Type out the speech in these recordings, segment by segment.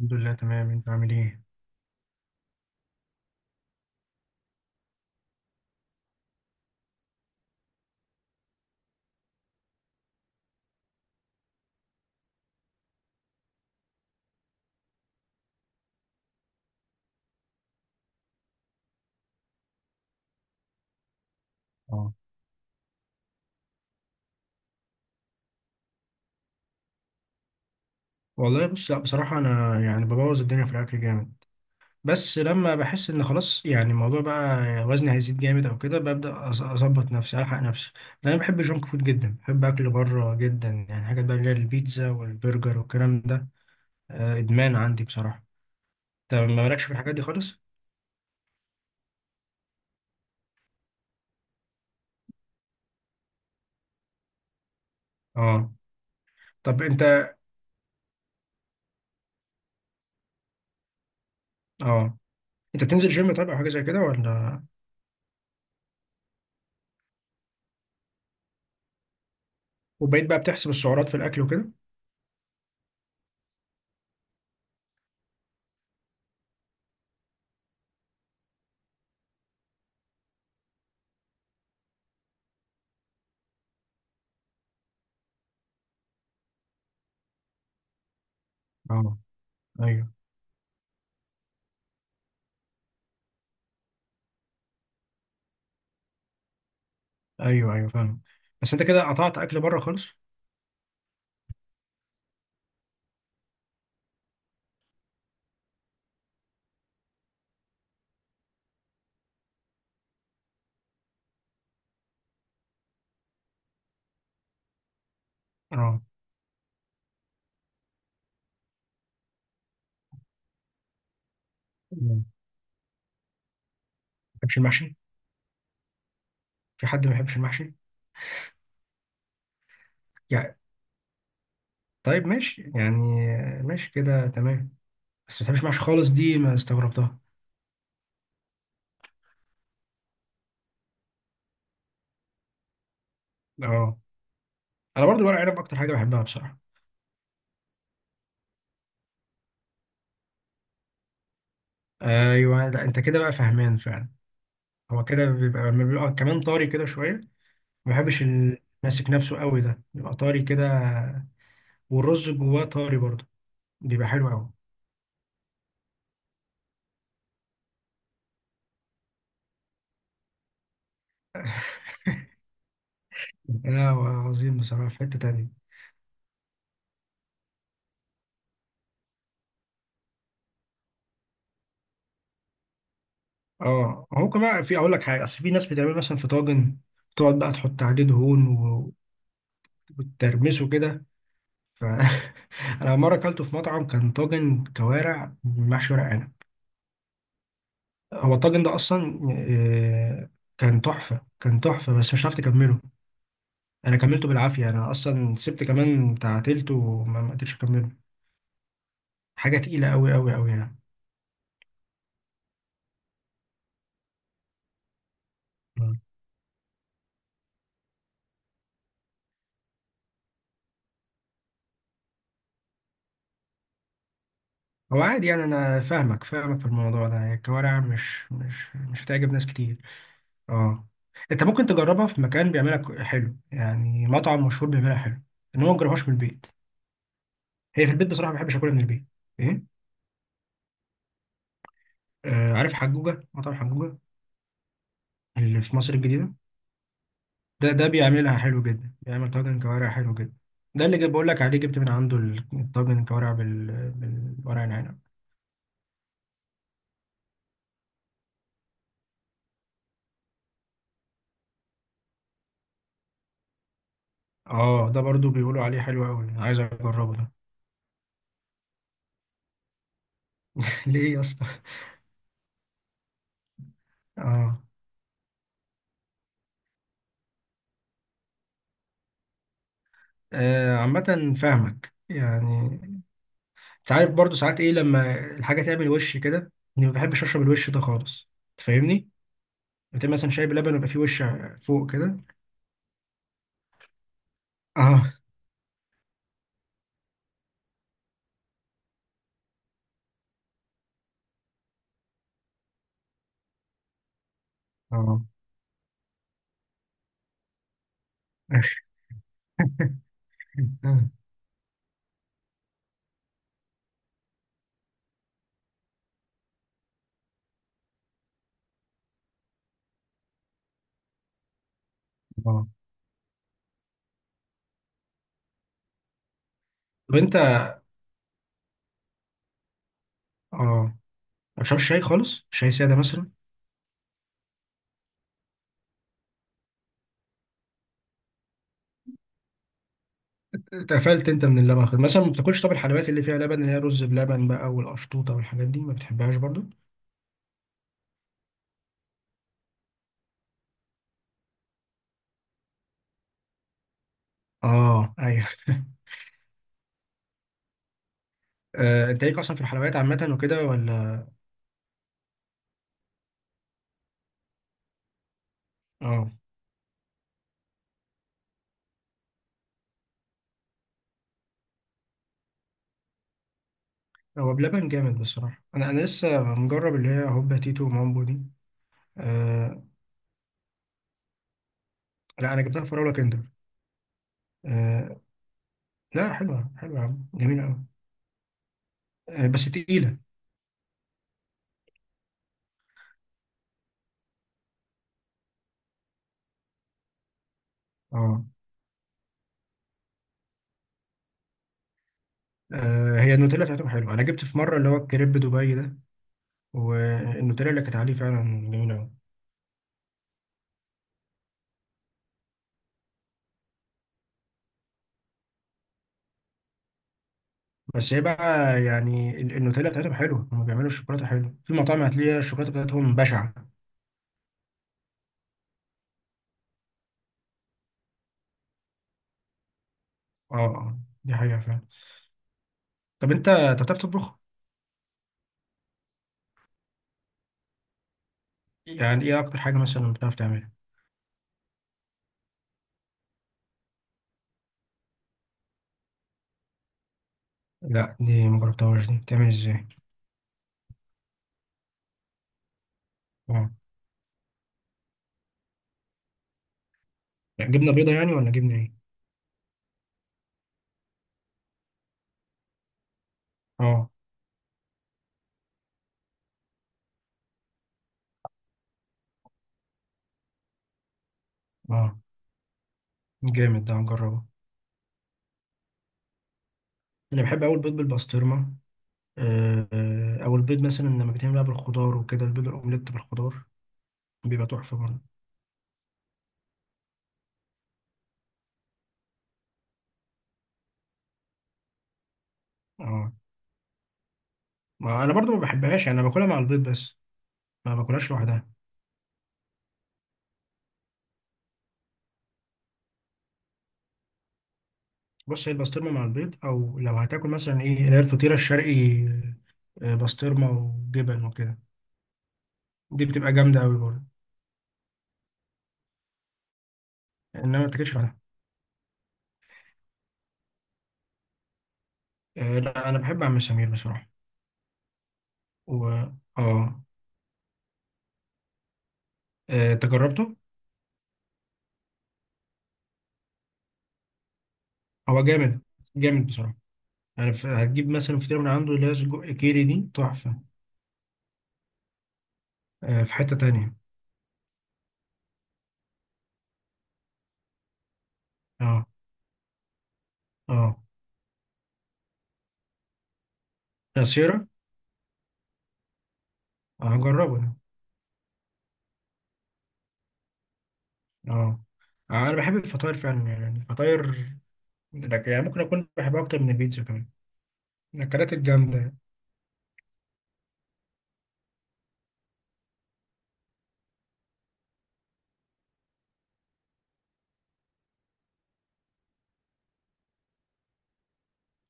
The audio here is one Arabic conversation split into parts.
الحمد لله تمام، انت عامل ايه؟ اه والله بص، لا بصراحه انا يعني ببوظ الدنيا في الاكل جامد، بس لما بحس ان خلاص يعني الموضوع بقى وزني هيزيد جامد او كده ببدا اظبط نفسي، الحق نفسي. لان انا بحب الجونك فود جدا، بحب اكل بره جدا، يعني حاجات بقى اللي هي البيتزا والبرجر والكلام ده. ادمان عندي بصراحه. طب ما مالكش في الحاجات دي خالص؟ اه. طب انت، اه، انت بتنزل جيم طيب او حاجه زي كده ولا؟ وبقيت بقى بتحسب السعرات في الاكل وكده؟ اه. ايوه، ايوه، ايوه فاهم. بس انت كده قطعت اكل بره خالص؟ اه، ما بحبش المحشي. في حد ما بيحبش المحشي يعني؟ طيب ماشي يعني، ماشي كده تمام. بس ما بتحبش المحشي خالص دي ما استغربتها. اه، انا برضو ورق عنب اكتر حاجه بحبها بصراحه. ايوه، لا انت كده بقى فهمان فعلا. هو كده بيبقى لما بيبقى كمان طري كده شويه. ما بحبش ال- ماسك نفسه قوي ده، بيبقى طري كده، والرز جواه طري برضو، بيبقى حلو قوي. لا عظيم بصراحه في حته تانيه. اه هو كمان في، اقول لك حاجه، اصل في ناس بتعمل مثلا في طاجن تقعد بقى تحط عليه دهون وترمسه كده. ف انا مره اكلته في مطعم، كان طاجن كوارع محشي ورق عنب. هو الطاجن ده اصلا آه، كان تحفه، كان تحفه، بس مش عارف تكمله. انا كملته بالعافيه، انا اصلا سبت كمان بتاع تلته وما ما قدرتش اكمله. حاجه تقيله قوي قوي قوي يعني. مم. هو عادي يعني، انا فاهمك فاهمك في الموضوع ده، الكوارع مش هتعجب ناس كتير. اه، انت ممكن تجربها في مكان بيعملها حلو، يعني مطعم مشهور بيعملها حلو. انما ما تجربهاش من البيت، هي في البيت بصراحه ما بحبش اكلها من البيت. ايه؟ آه، عارف حجوجه، مطعم حجوجه اللي في مصر الجديده؟ ده ده بيعملها حلو جدا، بيعمل طاجن كوارع حلو جدا. ده اللي جاي بقول لك عليه، جبت من عنده الطاجن الكوارع بالورق العنب. اه ده برضو بيقولوا عليه حلو قوي، عايز اجربه ده. ليه يا اسطى؟ اه. آه، عامه فاهمك يعني. انت عارف برضو ساعات ايه، لما الحاجه تعمل وش كده، اني ما بحبش اشرب الوش ده خالص، أنت فاهمني؟ انت مثلا شاي بلبن ويبقى فيه وش فوق كده. اه، اه. اه طب انت، اه، ما بتشربش شاي خالص، شاي ساده مثلا؟ اتقفلت انت من اللبن خالص. مثلا ما بتاكلش، طب الحلويات اللي فيها لبن اللي هي رز بلبن بقى والقشطوطه والحاجات دي ما بتحبهاش برضو؟ اه ايوه. آه، انت ليك اصلا في الحلويات عامه وكده ولا؟ اه، هو بلبن جامد بصراحه. انا لسه مجرب اللي هي هوبا تيتو ومامبو دي. آه، لا انا جبتها في راولا كندر. آه لا، حلوه حلوه يا عم، جميله قوي. آه بس تقيله. اه. آه، هي النوتيلا بتاعتهم حلوه. انا جبت في مره اللي هو الكريب دبي ده، والنوتيلا اللي كانت عليه فعلا جميله قوي. بس هي بقى يعني النوتيلا بتاعتهم حلوه، هم بيعملوا الشوكولاته حلوه. في مطاعم هتلاقي الشوكولاته بتاعتهم بشعه. اه. آه، دي حقيقه فعلا. طب انت، أنت بتعرف تطبخ؟ يعني ايه اكتر حاجه مثلا بتعرف تعملها؟ لا دي ما جربتهاش، دي بتعمل ازاي؟ اه. يعني جبنه بيضه يعني ولا جبنه ايه؟ اه، اه. جامد ده، هنجربه. انا بحب اول بيض بالبسطرمه. آه، آه، او البيض مثلا لما بيتعمل بقى بالخضار وكده، البيض الاومليت بالخضار بيبقى تحفه برضه. اه، ما انا برضه ما بحبهاش يعني، انا باكلها مع البيض بس، ما باكلهاش لوحدها. بص هي البسطرمه مع البيض، او لو هتاكل مثلا ايه اللي هي الفطيره الشرقي، آه، بسطرمه وجبن وكده، دي بتبقى جامده قوي برضه. انما ما تاكلش لوحدها. آه، لا انا بحب عم سمير بصراحه. و اه، آه، تجربته؟ هو جامد، جامد بصراحه يعني. هتجيب مثلا فطيره من عنده اللي هي سجق كيري، دي تحفه. آه، في حتة تانية. اه، اه، عصيرة. اه هجربه ده. اه. آه، انا بحب الفطاير فعلا. يعني الفطاير لك يعني، ممكن اكون بحبها اكتر من البيتزا كمان. الاكلات الجامدة يعني.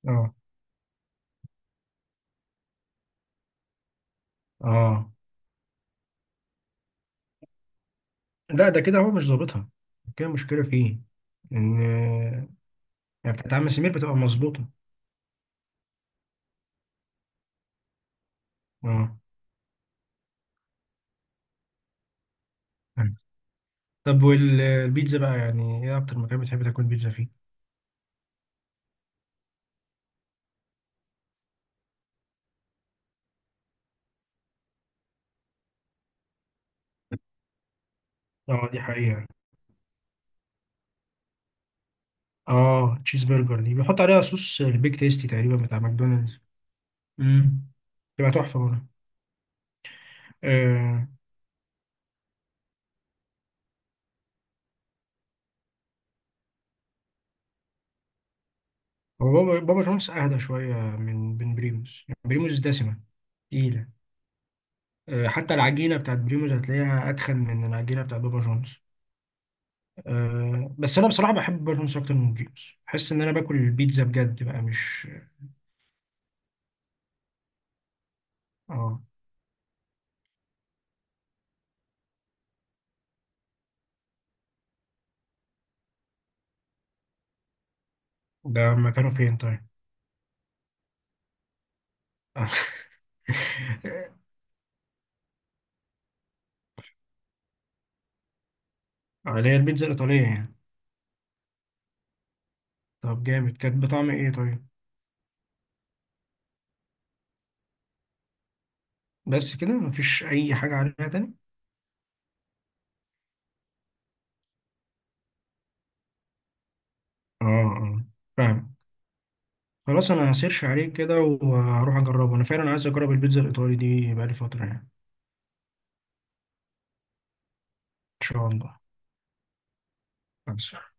اه، اه. لا ده كده هو مش ظابطها، كده مشكلة فيه. ان آه، يعني بتاعت عم سمير بتبقى مظبوطة. اه. طب والبيتزا بقى يعني، ايه اكتر مكان بتحب تاكل بيتزا فيه؟ اه دي حقيقة. اه تشيز برجر دي بيحط عليها صوص البيك تيستي تقريبا بتاع ماكدونالدز. امم. تبقى تحفة برضه. آه، هو بابا، بابا شمونس اهدى شويه من بريموس. يعني بريموس دسمه، تقيله. آه، حتى العجينه بتاعت بريموس هتلاقيها اتخن من العجينه بتاعت بابا جونز. آه، بس انا بصراحه بحب بابا جونز اكتر من بريموس، بحس ان انا باكل البيتزا بجد بقى مش. اه. ده مكانه فين طيب؟ آه، اللي هي البيتزا الايطاليه يعني؟ طب جامد، كانت بطعم ايه طيب؟ بس كده مفيش اي حاجه عليها تاني؟ اه اه فاهم. خلاص انا هسيرش عليه كده وهروح اجربه، انا فعلا عايز اجرب البيتزا الايطالي دي بقالي فتره يعني. ان شاء الله. بس.